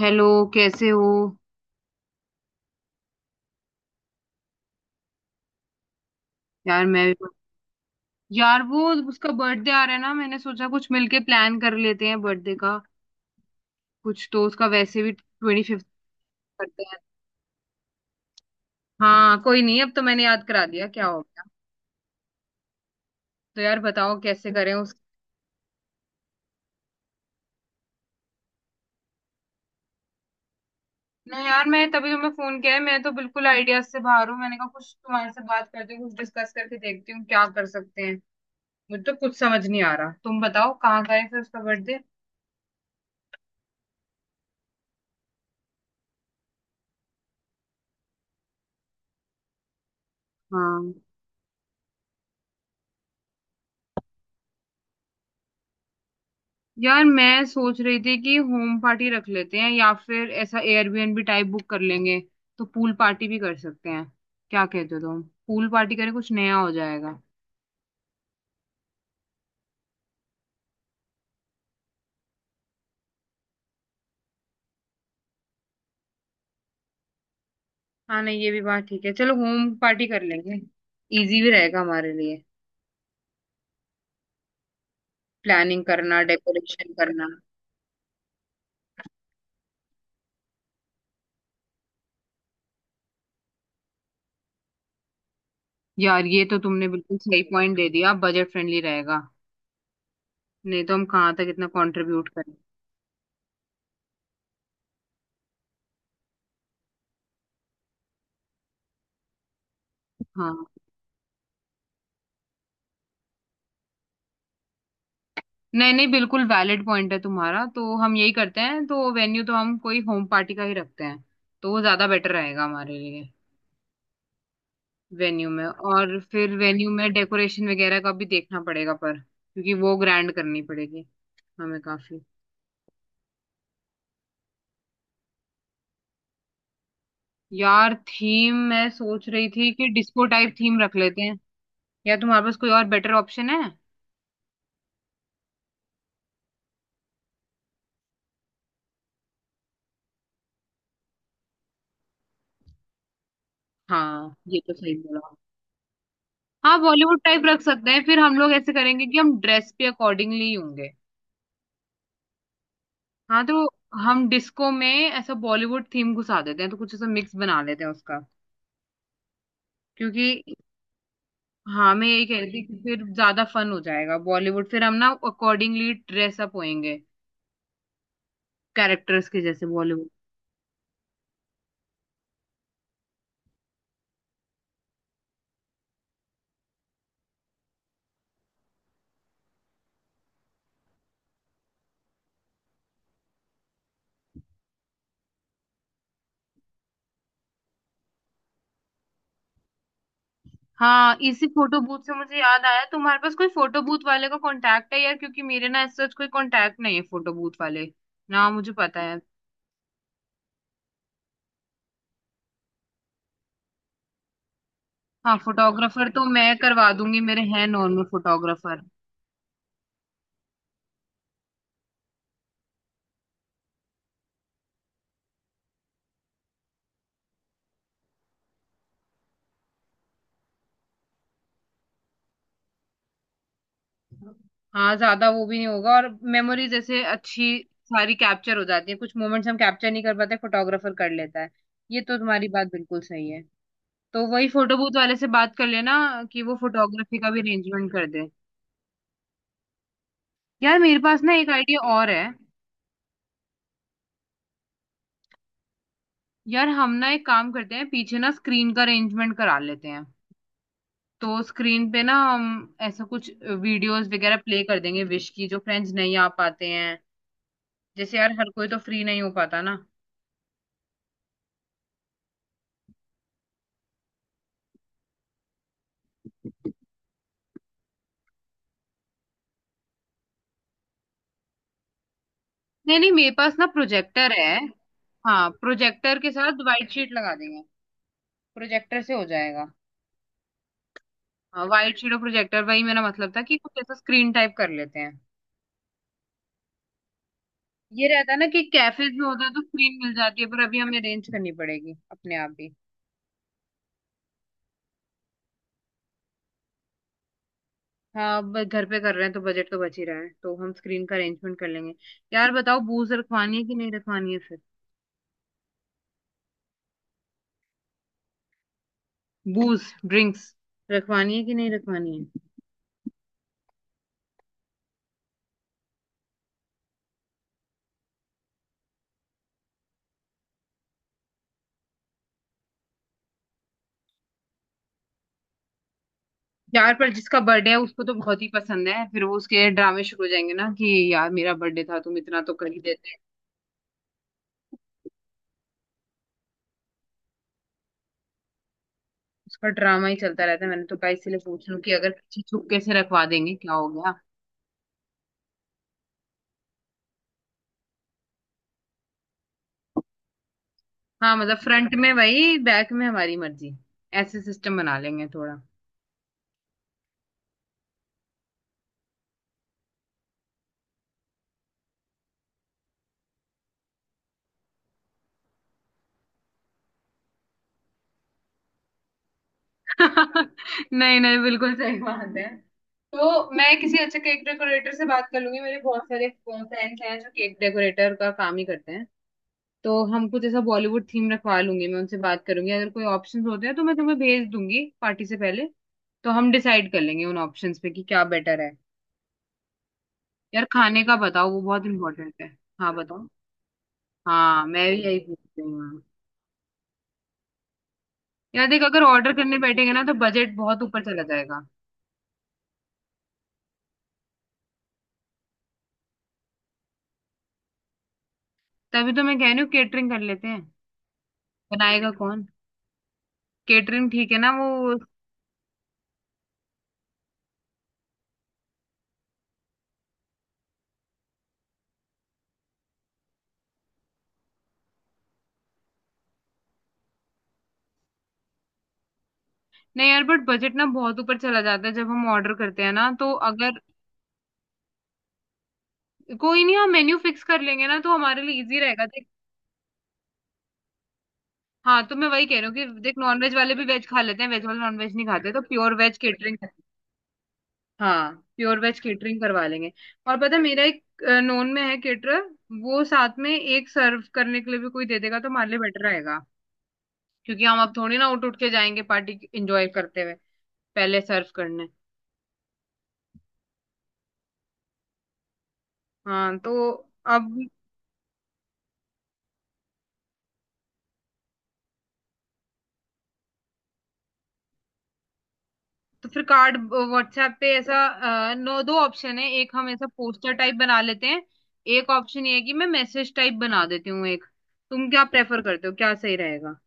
Hello. कैसे हो? यार मैं। यार, वो उसका बर्थडे आ रहा है ना, मैंने सोचा कुछ मिलके प्लान कर लेते हैं बर्थडे का। कुछ तो उसका वैसे भी ट्वेंटी फिफ्थ करते हैं। हाँ, कोई नहीं, अब तो मैंने याद करा दिया, क्या हो गया। तो यार बताओ कैसे करें उस ना यार, मैं तभी तुम्हें फोन किया है, मैं तो बिल्कुल आइडियाज से बाहर हूँ। मैंने कहा कुछ तुम्हारे से बात करती हूँ, कुछ डिस्कस करके देखती हूँ क्या कर सकते हैं। मुझे तो कुछ समझ नहीं आ रहा, तुम बताओ कहाँ का है फिर उसका बर्थडे। हाँ यार, मैं सोच रही थी कि होम पार्टी रख लेते हैं या फिर ऐसा एयरबीएनबी टाइप बुक कर लेंगे, तो पूल पार्टी भी कर सकते हैं। क्या कहते हो तुम? पूल पार्टी करें, कुछ नया हो जाएगा। हाँ नहीं, ये भी बात ठीक है, चलो होम पार्टी कर लेंगे। इजी भी रहेगा हमारे लिए प्लानिंग करना, डेकोरेशन करना। यार, ये तो तुमने बिल्कुल सही पॉइंट दे दिया, बजट फ्रेंडली रहेगा। नहीं तो हम कहाँ तक इतना कंट्रीब्यूट करें। हाँ, नहीं नहीं, बिल्कुल वैलिड पॉइंट है तुम्हारा, तो हम यही करते हैं, तो वेन्यू तो हम कोई होम पार्टी का ही रखते हैं। तो वो ज्यादा बेटर रहेगा हमारे लिए वेन्यू में। और फिर वेन्यू में डेकोरेशन वगैरह का भी देखना पड़ेगा, पर क्योंकि वो ग्रैंड करनी पड़ेगी हमें काफी। यार थीम मैं सोच रही थी कि डिस्को टाइप थीम रख लेते हैं, या तुम्हारे पास कोई और बेटर ऑप्शन है? हाँ, ये तो सही बोला। हाँ, बॉलीवुड टाइप रख सकते हैं, फिर हम लोग ऐसे करेंगे कि हम ड्रेस पे अकॉर्डिंगली होंगे। हाँ, तो हम डिस्को में ऐसा बॉलीवुड थीम घुसा देते हैं, तो कुछ ऐसा मिक्स बना लेते हैं उसका, क्योंकि। हाँ, मैं यही कह रही थी कि फिर ज्यादा फन हो जाएगा, बॉलीवुड फिर हम ना अकॉर्डिंगली ड्रेसअप होएंगे कैरेक्टर्स के जैसे, बॉलीवुड। हाँ, इसी फोटो बूथ से मुझे याद आया, तुम्हारे पास कोई फोटो बूथ वाले का कांटेक्ट है यार? क्योंकि मेरे ना ऐसा कोई कांटेक्ट नहीं है फोटो बूथ वाले। ना, मुझे पता है। हाँ, फोटोग्राफर तो मैं करवा दूंगी, मेरे हैं नॉर्मल फोटोग्राफर। हाँ, ज्यादा वो भी नहीं होगा, और मेमोरी जैसे अच्छी सारी कैप्चर हो जाती है, कुछ मोमेंट्स हम कैप्चर नहीं कर पाते, फोटोग्राफर कर लेता है। ये तो तुम्हारी बात बिल्कुल सही है। तो वही फोटो बूथ वाले से बात कर लेना कि वो फोटोग्राफी का भी अरेंजमेंट कर दे। यार मेरे पास ना एक आइडिया और है। यार हम ना एक काम करते हैं, पीछे ना स्क्रीन का अरेंजमेंट करा लेते हैं। तो स्क्रीन पे ना हम ऐसा कुछ वीडियोस वगैरह प्ले कर देंगे, विश की, जो फ्रेंड्स नहीं आ पाते हैं। जैसे यार, हर कोई तो फ्री नहीं हो पाता ना। नहीं नहीं, मेरे पास ना प्रोजेक्टर है। हाँ, प्रोजेक्टर के साथ व्हाइट शीट लगा देंगे। प्रोजेक्टर से हो जाएगा। हाँ, व्हाइट शीट और प्रोजेक्टर, वही मेरा मतलब था कि कुछ ऐसा स्क्रीन टाइप कर लेते हैं। ये रहता है ना कि कैफेज में होता है तो स्क्रीन मिल जाती है, पर अभी हमें अरेंज करनी पड़ेगी अपने आप ही। हाँ अब घर पे कर रहे हैं तो बजट तो बच ही रहा है, तो हम स्क्रीन का अरेंजमेंट कर लेंगे। यार बताओ, बूज रखवानी है कि नहीं रखवानी है फिर? बूज, ड्रिंक्स रखवानी है कि नहीं रखवानी है? यार पर जिसका बर्थडे है उसको तो बहुत ही पसंद है, फिर वो उसके ड्रामे शुरू हो जाएंगे ना कि यार, मेरा बर्थडे था, तुम इतना तो कर ही देते। उसका ड्रामा ही चलता रहता है, मैंने तो कहा इसीलिए पूछ लूं कि अगर पीछे छुपके से रखवा देंगे क्या हो गया। हाँ मतलब फ्रंट में वही, बैक में हमारी मर्जी। ऐसे सिस्टम बना लेंगे थोड़ा। नहीं नहीं, बिल्कुल सही बात है। तो मैं किसी अच्छे केक डेकोरेटर से बात कर लूंगी, मेरे बहुत सारे फ्रेंड्स हैं जो केक डेकोरेटर का काम ही करते हैं। तो हम कुछ ऐसा बॉलीवुड थीम रखवा लूंगी, मैं उनसे बात करूंगी, अगर कोई ऑप्शंस होते हैं तो मैं तुम्हें भेज दूंगी पार्टी से पहले। तो हम डिसाइड कर लेंगे उन ऑप्शंस पे कि क्या बेटर है। यार खाने का बताओ, वो बहुत इंपॉर्टेंट है। हाँ बताओ। हाँ, मैं भी यही पूछ रही हूँ। यार देख, अगर ऑर्डर करने बैठेंगे ना तो बजट बहुत ऊपर चला जाएगा। तभी तो मैं कह रही हूँ केटरिंग कर लेते हैं। बनाएगा कौन? केटरिंग ठीक है ना वो। नहीं यार, बट बजट ना बहुत ऊपर चला जाता है जब हम ऑर्डर करते हैं ना, तो अगर कोई नहीं, हम मेन्यू फिक्स कर लेंगे ना तो हमारे लिए इजी रहेगा। हाँ, तो मैं वही कह रही हूँ कि देख, नॉनवेज वाले भी वेज खा लेते हैं, वेज वाले नॉनवेज नहीं खाते, तो प्योर वेज केटरिंग। हाँ प्योर वेज केटरिंग करवा लेंगे। और पता है, मेरा एक नॉन में है केटरर, वो साथ में एक सर्व करने के लिए भी कोई दे देगा, तो हमारे लिए बेटर रहेगा। क्योंकि हम अब थोड़ी ना उठ उठ के जाएंगे पार्टी एंजॉय करते हुए पहले सर्व करने। हाँ तो अब। तो फिर कार्ड व्हाट्सएप पे ऐसा। नो, दो ऑप्शन है, एक हम ऐसा पोस्टर टाइप बना लेते हैं। एक ऑप्शन ये है कि मैं मैसेज टाइप बना देती हूँ एक। तुम क्या प्रेफर करते हो, क्या सही रहेगा?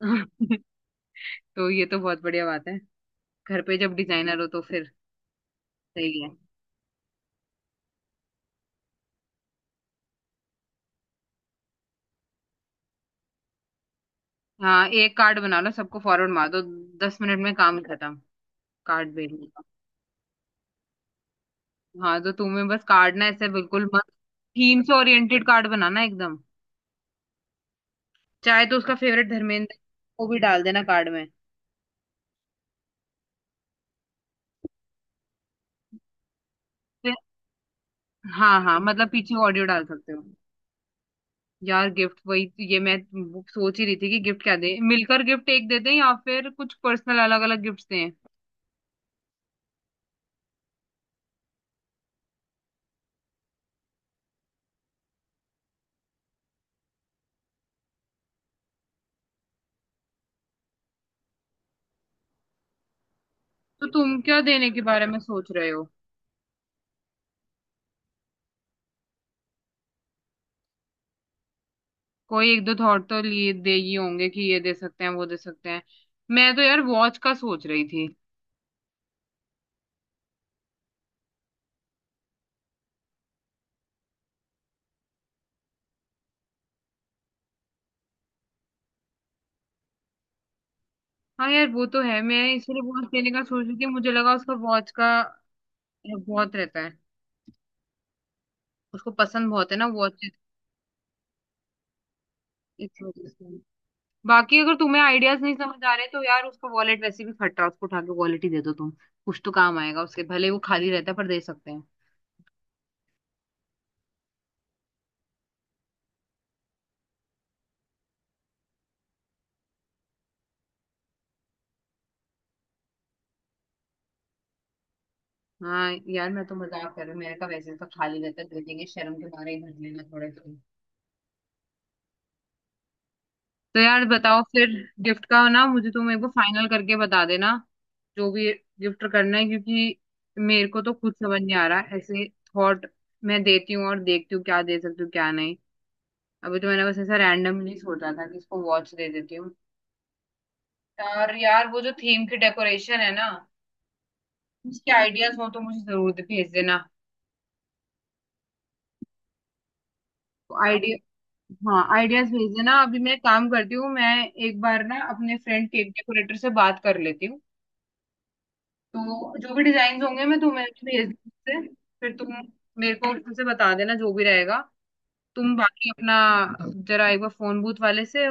तो ये तो बहुत बढ़िया बात है। घर पे जब डिजाइनर हो तो फिर सही है। हाँ, एक कार्ड बना लो, सबको फॉरवर्ड मार दो, 10 मिनट में काम खत्म कार्ड भेजने का। हाँ तो तुम्हें बस कार्ड ना ऐसे बिल्कुल मत, थीम से ओरिएंटेड कार्ड बनाना एकदम। चाहे तो उसका फेवरेट धर्मेंद्र को भी डाल देना कार्ड में। हाँ हाँ, मतलब पीछे ऑडियो डाल सकते हो। यार गिफ्ट ये मैं वो सोच ही रही थी कि गिफ्ट क्या दें, मिलकर गिफ्ट एक देते हैं, या फिर कुछ पर्सनल अलग अलग गिफ्ट्स दें। तो तुम क्या देने के बारे में सोच रहे हो? कोई एक दो थॉट तो लिए दे ही होंगे कि ये दे सकते हैं, वो दे सकते हैं। मैं तो यार वॉच का सोच रही थी। हाँ यार, वो तो है, मैं इसलिए वॉच देने का सोच रही थी, मुझे लगा उसका वॉच का बहुत रहता है, उसको पसंद बहुत है ना वॉच, इस वजह से। बाकी अगर तुम्हें आइडियाज नहीं समझ आ रहे, तो यार उसका वॉलेट वैसे भी फट रहा है, उसको उठा के वॉलेट ही दे दो तुम, कुछ तो काम आएगा उसके, भले वो खाली रहता है पर दे सकते हैं। हाँ यार, मैं तो मजाक कर रही हूँ, मेरे का वैसे तो खाली रहता है, दे देंगे शर्म के मारे ही, भर लेना थोड़े से। तो यार बताओ फिर, गिफ्ट का ना मुझे तुम एक बार फाइनल करके बता देना, जो भी गिफ्ट करना है क्योंकि मेरे को तो खुद समझ नहीं आ रहा ऐसे थॉट। मैं देती हूँ और देखती हूँ क्या दे सकती हूँ क्या नहीं। अभी तो मैंने बस ऐसा रैंडमली सोचा था कि इसको वॉच दे देती हूँ। और यार वो जो थीम की डेकोरेशन है ना, उसके आइडियाज हो तो मुझे जरूर भेज देना आइडिया। हाँ आइडियाज भेज देना। अभी मैं काम करती हूँ, मैं एक बार ना अपने फ्रेंड केक डेकोरेटर से बात कर लेती हूँ। तो जो भी डिजाइन होंगे मैं तुम्हें भेज दूँ उससे। फिर तुम मेरे को उसमें से बता देना जो भी रहेगा। तुम बाकी अपना जरा एक बार फोन बूथ वाले से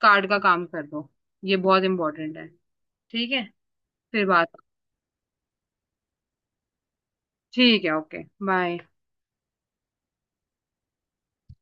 कार्ड का काम कर दो, ये बहुत इंपॉर्टेंट है। ठीक है? फिर बात। ठीक है, ओके बाय।